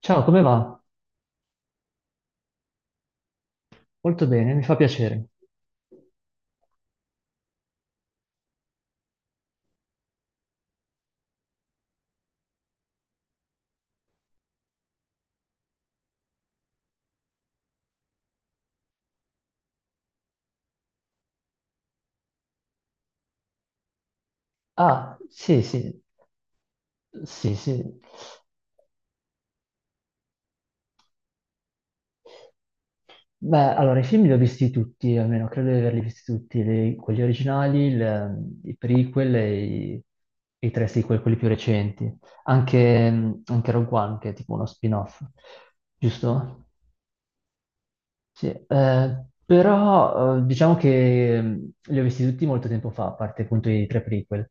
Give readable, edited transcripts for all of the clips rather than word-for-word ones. Ciao, come va? Molto bene, mi fa piacere. Ah, sì, sì, sì, sì. Beh, allora, i film li ho visti tutti, almeno credo di averli visti tutti, quelli originali, i prequel e i tre sequel, quelli più recenti. Anche, anche Rogue One, che è tipo uno spin-off, giusto? Sì, però diciamo che li ho visti tutti molto tempo fa, a parte appunto i tre prequel,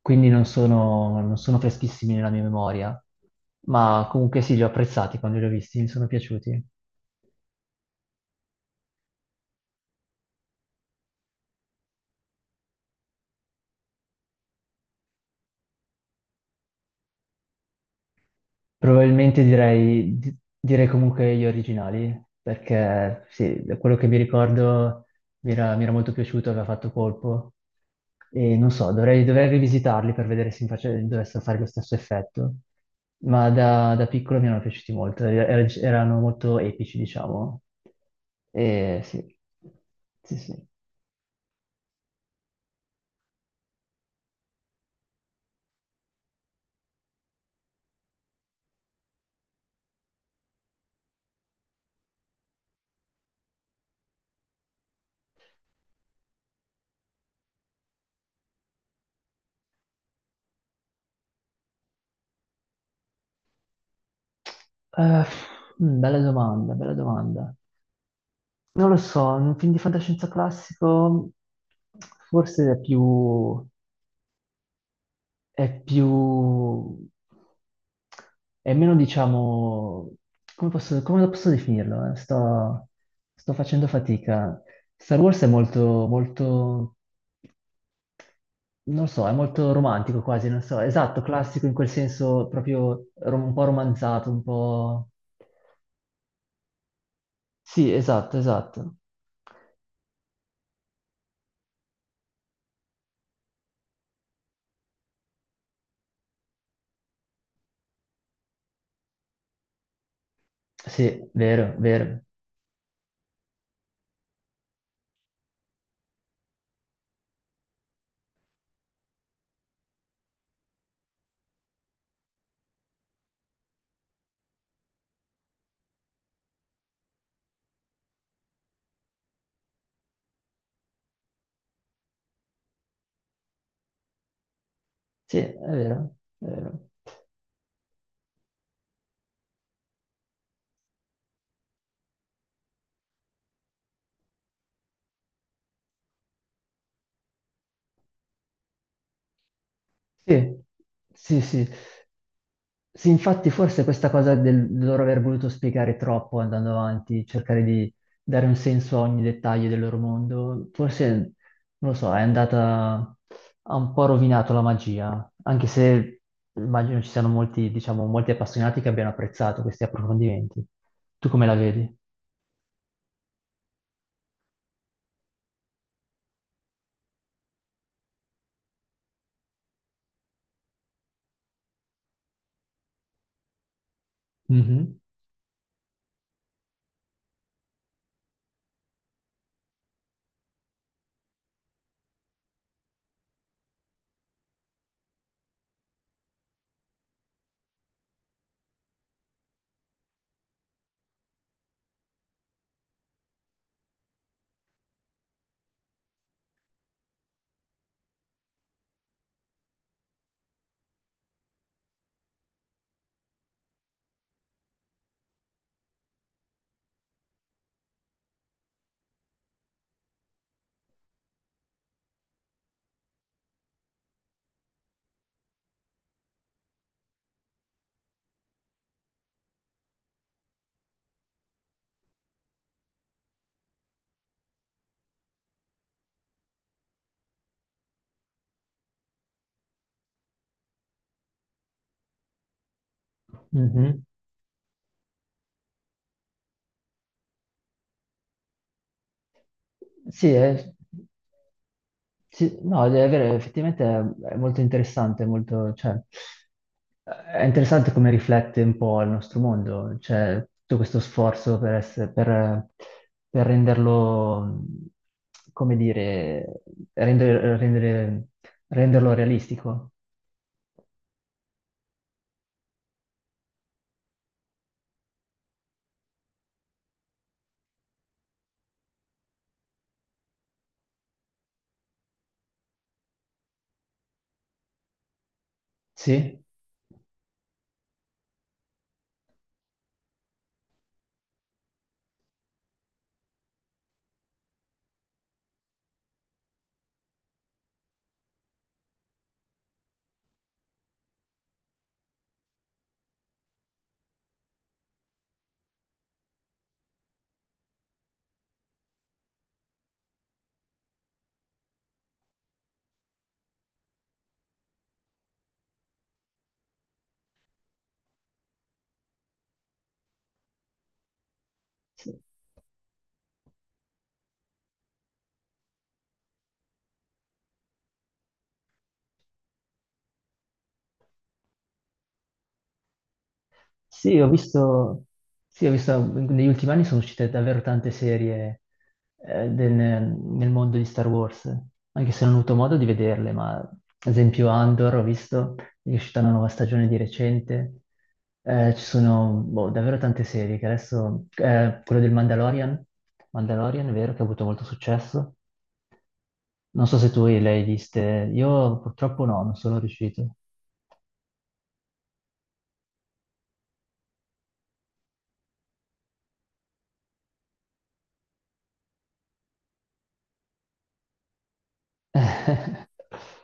quindi non sono freschissimi nella mia memoria, ma comunque sì, li ho apprezzati quando li ho visti, mi sono piaciuti. Probabilmente direi comunque gli originali, perché sì, da quello che mi ricordo mi era molto piaciuto, aveva fatto colpo. E non so, dovrei rivisitarli per vedere se dovessero fare lo stesso effetto. Ma da piccolo mi erano piaciuti molto, erano molto epici, diciamo. E sì, sì, sì. Eh, Bella domanda, bella domanda. Non lo so, un film di fantascienza classico forse è più, è più, è meno, diciamo, come lo posso definirlo? Sto facendo fatica. Star Wars è molto, non lo so, è molto romantico quasi, non so, esatto, classico in quel senso proprio un po' romanzato, un po'. Sì, esatto, esatto. Sì, vero, vero. Sì, è vero, è vero. Sì, sì, sì. Sì, infatti forse questa cosa del loro aver voluto spiegare troppo andando avanti, cercare di dare un senso a ogni dettaglio del loro mondo, forse, non lo so, è andata, ha un po' rovinato la magia, anche se immagino ci siano molti, diciamo, molti appassionati che abbiano apprezzato questi approfondimenti. Tu come la vedi? Mhm, mhm. Sì, è... Sì, no, è vero, effettivamente è molto interessante, molto, cioè, è interessante come riflette un po' il nostro mondo, cioè tutto questo sforzo per renderlo, come dire, rendere, rendere- renderlo realistico. Sì? Sì, ho visto, sì, ho visto, negli ultimi anni sono uscite davvero tante serie nel mondo di Star Wars, anche se non ho avuto modo di vederle, ma ad esempio Andor ho visto, è uscita una nuova stagione di recente. Ci sono boh, davvero tante serie che adesso, quello del Mandalorian, Mandalorian è vero che ha avuto molto successo, non so se tu le hai viste, io purtroppo no, non sono riuscito.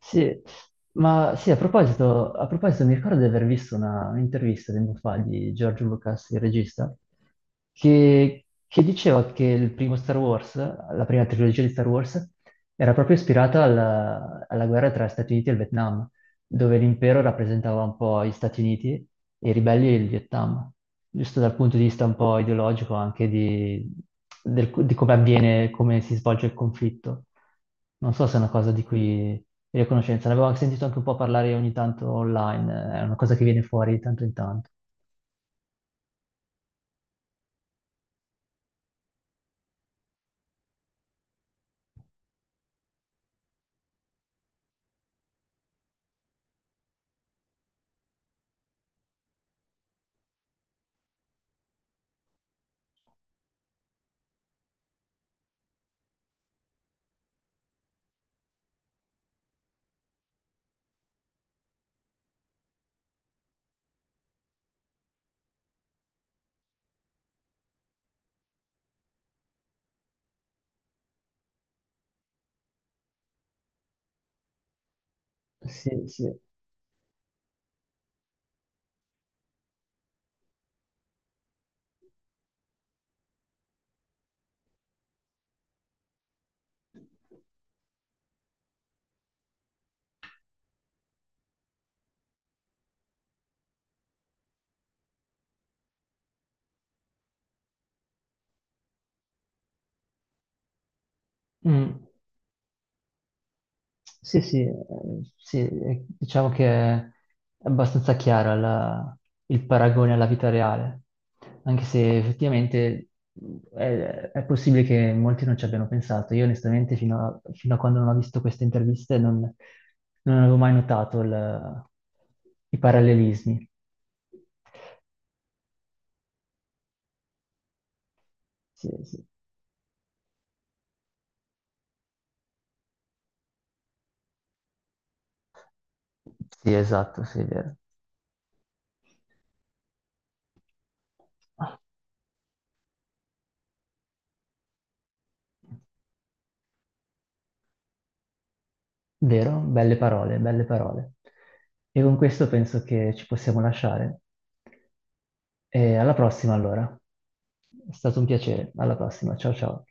Sì, ma sì, a proposito, mi ricordo di aver visto un'intervista tempo fa di George Lucas, il regista, che diceva che il primo Star Wars, la prima trilogia di Star Wars, era proprio ispirata alla, alla guerra tra Stati Uniti e il Vietnam, dove l'impero rappresentava un po' gli Stati Uniti e i ribelli il Vietnam, giusto dal punto di vista un po' ideologico anche di come avviene, come si svolge il conflitto. Non so se è una cosa di cui io ho conoscenza, ne avevo anche sentito anche un po' parlare ogni tanto online, è una cosa che viene fuori di tanto in tanto. Sì, sì. Mm. Sì, sì, diciamo che è abbastanza chiara il paragone alla vita reale, anche se effettivamente è possibile che molti non ci abbiano pensato. Io onestamente fino a quando non ho visto queste interviste non avevo mai notato i parallelismi. Sì, sì. Sì, esatto, sì, è vero. Vero? Belle parole, belle parole. E con questo penso che ci possiamo lasciare. E alla prossima allora. È stato un piacere. Alla prossima. Ciao ciao.